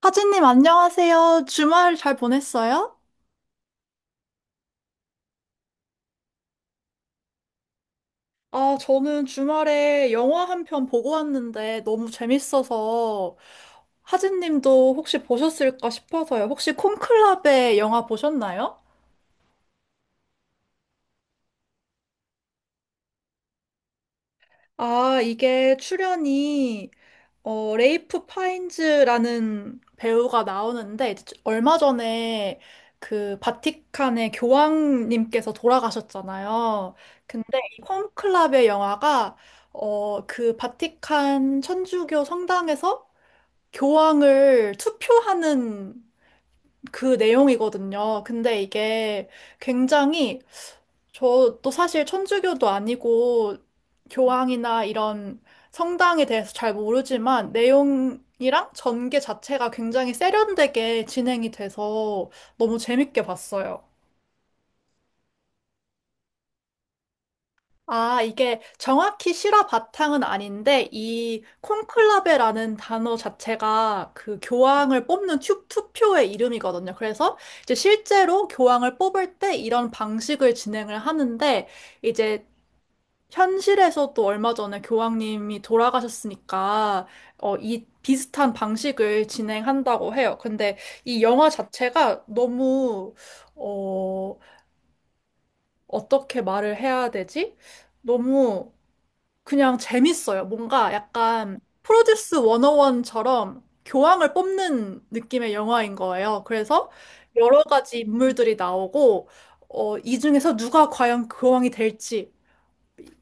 하진님, 안녕하세요. 주말 잘 보냈어요? 아, 저는 주말에 영화 한 편 보고 왔는데 너무 재밌어서 하진님도 혹시 보셨을까 싶어서요. 혹시 콘클라베 영화 보셨나요? 아, 이게 출연이 레이프 파인즈라는 배우가 나오는데, 이제 얼마 전에 그 바티칸의 교황님께서 돌아가셨잖아요. 근데 이 콘클라베 영화가, 그 바티칸 천주교 성당에서 교황을 투표하는 그 내용이거든요. 근데 이게 굉장히, 저도 사실 천주교도 아니고 교황이나 이런 성당에 대해서 잘 모르지만 내용이랑 전개 자체가 굉장히 세련되게 진행이 돼서 너무 재밌게 봤어요. 아, 이게 정확히 실화 바탕은 아닌데 이 콘클라베라는 단어 자체가 그 교황을 뽑는 투표의 이름이거든요. 그래서 이제 실제로 교황을 뽑을 때 이런 방식을 진행을 하는데 이제 현실에서도 얼마 전에 교황님이 돌아가셨으니까, 이 비슷한 방식을 진행한다고 해요. 근데 이 영화 자체가 너무, 어, 어떻게 말을 해야 되지? 너무 그냥 재밌어요. 뭔가 약간 프로듀스 101처럼 교황을 뽑는 느낌의 영화인 거예요. 그래서 여러 가지 인물들이 나오고, 이 중에서 누가 과연 교황이 될지,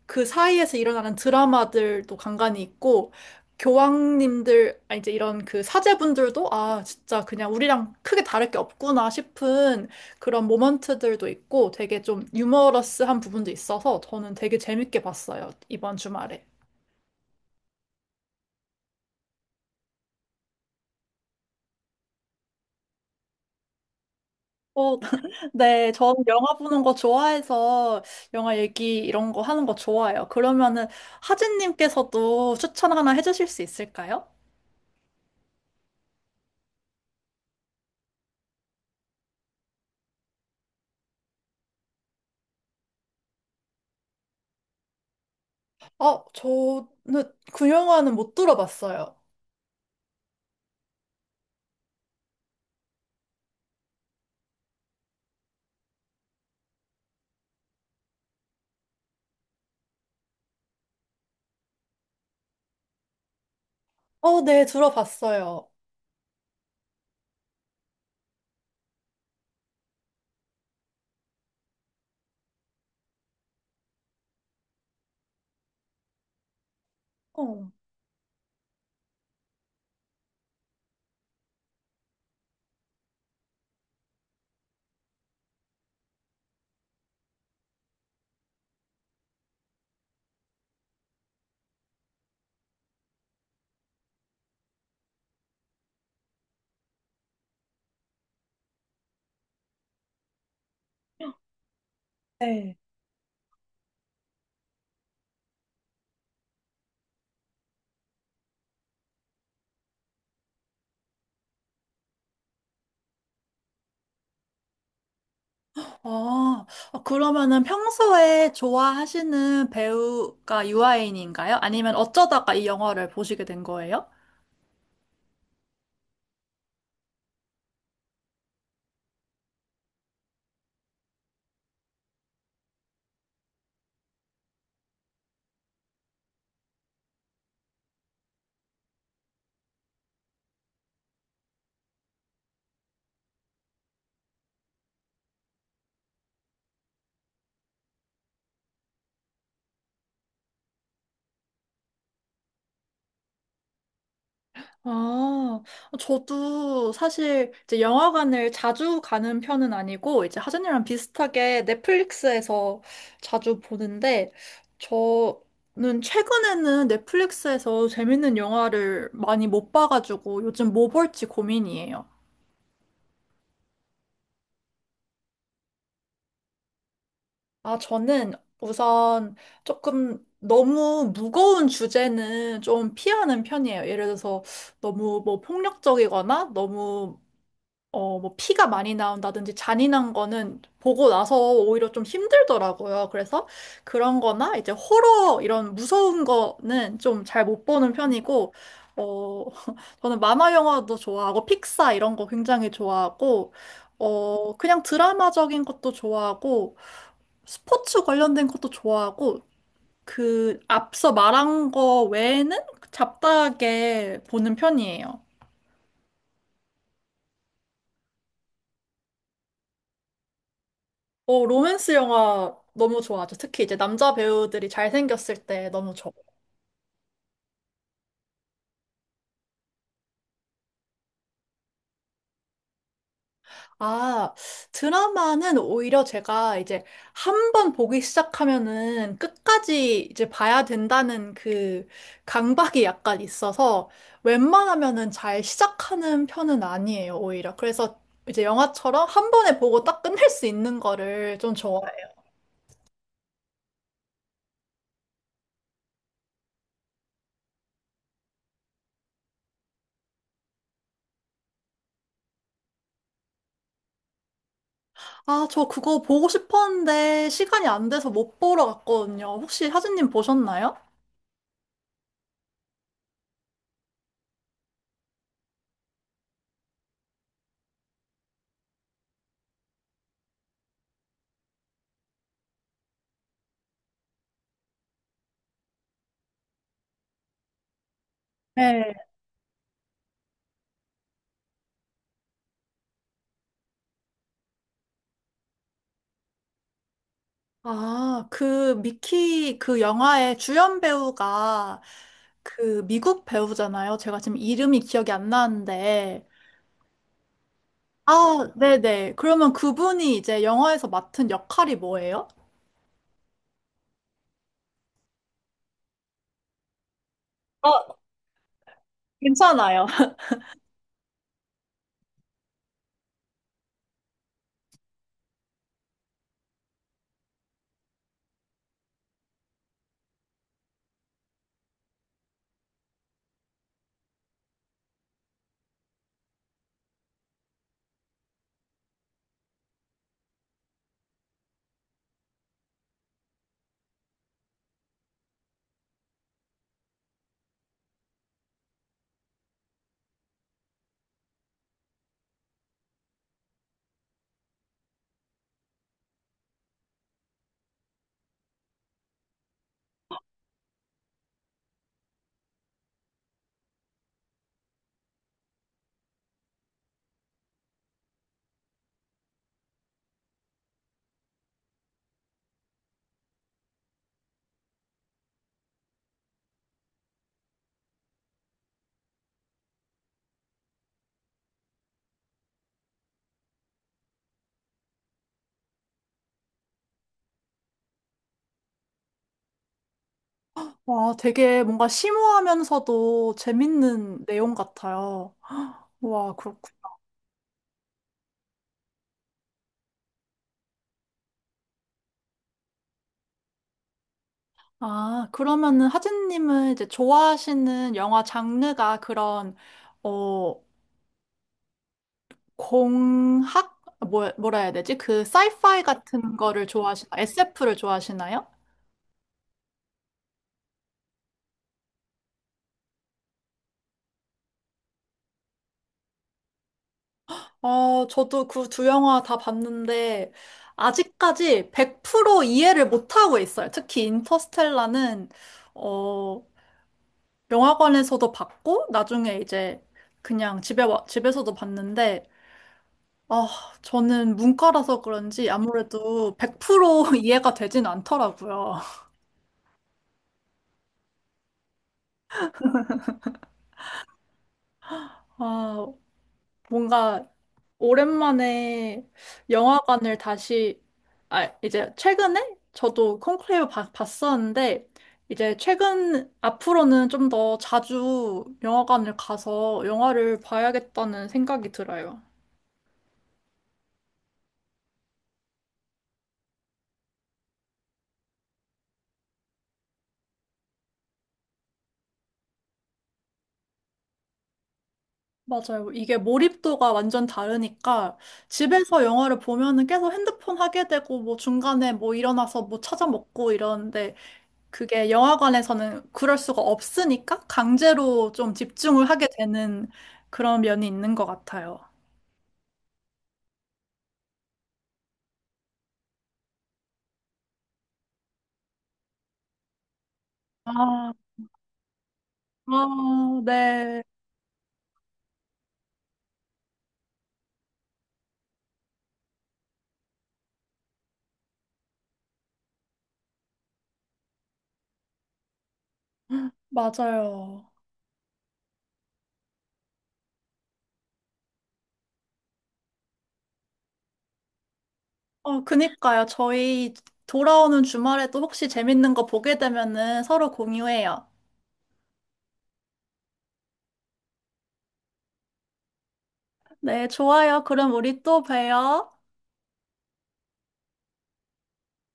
그 사이에서 일어나는 드라마들도 간간이 있고, 교황님들, 아, 이제 이런 그 사제분들도, 아, 진짜 그냥 우리랑 크게 다를 게 없구나 싶은 그런 모먼트들도 있고, 되게 좀 유머러스한 부분도 있어서 저는 되게 재밌게 봤어요, 이번 주말에. 어, 네, 저는 영화 보는 거 좋아해서 영화 얘기 이런 거 하는 거 좋아해요. 그러면은 하진님께서도 추천 하나 해주실 수 있을까요? 어, 저는 그 영화는 못 들어봤어요. 어, 네, 들어봤어요. 어. 네. 아, 어, 그러면은 평소에 좋아하시는 배우가 유아인인가요? 아니면 어쩌다가 이 영화를 보시게 된 거예요? 아, 저도 사실 이제 영화관을 자주 가는 편은 아니고, 이제 하진이랑 비슷하게 넷플릭스에서 자주 보는데, 저는 최근에는 넷플릭스에서 재밌는 영화를 많이 못 봐가지고 요즘 뭐 볼지 고민이에요. 아, 저는 우선 조금 너무 무거운 주제는 좀 피하는 편이에요. 예를 들어서 너무 뭐 폭력적이거나 너무 뭐 피가 많이 나온다든지 잔인한 거는 보고 나서 오히려 좀 힘들더라고요. 그래서 그런 거나 이제 호러 이런 무서운 거는 좀 잘 못 보는 편이고, 어, 저는 만화 영화도 좋아하고 픽사 이런 거 굉장히 좋아하고, 그냥 드라마적인 것도 좋아하고, 스포츠 관련된 것도 좋아하고, 그, 앞서 말한 거 외에는 잡다하게 보는 편이에요. 어, 로맨스 영화 너무 좋아하죠. 특히 이제 남자 배우들이 잘생겼을 때 너무 좋아. 아, 드라마는 오히려 제가 이제 한 번 보기 시작하면은 끝까지 이제 봐야 된다는 그 강박이 약간 있어서 웬만하면은 잘 시작하는 편은 아니에요, 오히려. 그래서 이제 영화처럼 한 번에 보고 딱 끝낼 수 있는 거를 좀 좋아해요. 아, 저 그거 보고 싶었는데 시간이 안 돼서 못 보러 갔거든요. 혹시 하진님 보셨나요? 네. 아, 그 미키 그 영화의 주연 배우가 그 미국 배우잖아요. 제가 지금 이름이 기억이 안 나는데. 아, 네네. 그러면 그분이 이제 영화에서 맡은 역할이 뭐예요? 어, 괜찮아요. 와, 되게 뭔가 심오하면서도 재밌는 내용 같아요. 와, 그렇군. 아, 그러면은 하진님은 이제 좋아하시는 영화 장르가 그런, 어, 공학? 뭐, 뭐라 해야 되지? 그 사이파이 같은 거를 좋아하시나? SF를 좋아하시나요? 어, 저도 그 두 영화 다 봤는데 아직까지 100% 이해를 못하고 있어요. 특히 인터스텔라는 어, 영화관에서도 봤고 나중에 이제 그냥 집에서도 봤는데 아, 저는 문과라서 그런지 아무래도 100% 이해가 되진 않더라고요. 아, 뭔가 오랜만에 영화관을 다시, 아, 이제 최근에 저도 봤었는데, 이제 최근, 앞으로는 좀 더 자주 영화관을 가서 영화를 봐야겠다는 생각이 들어요. 맞아요. 이게 몰입도가 완전 다르니까 집에서 영화를 보면은 계속 핸드폰 하게 되고 뭐 중간에 뭐 일어나서 뭐 찾아 먹고 이러는데 그게 영화관에서는 그럴 수가 없으니까 강제로 좀 집중을 하게 되는 그런 면이 있는 것 같아요. 아, 아, 네, 맞아요. 어, 그니까요. 저희 돌아오는 주말에도 혹시 재밌는 거 보게 되면은 서로 공유해요. 네, 좋아요. 그럼 우리 또 봬요.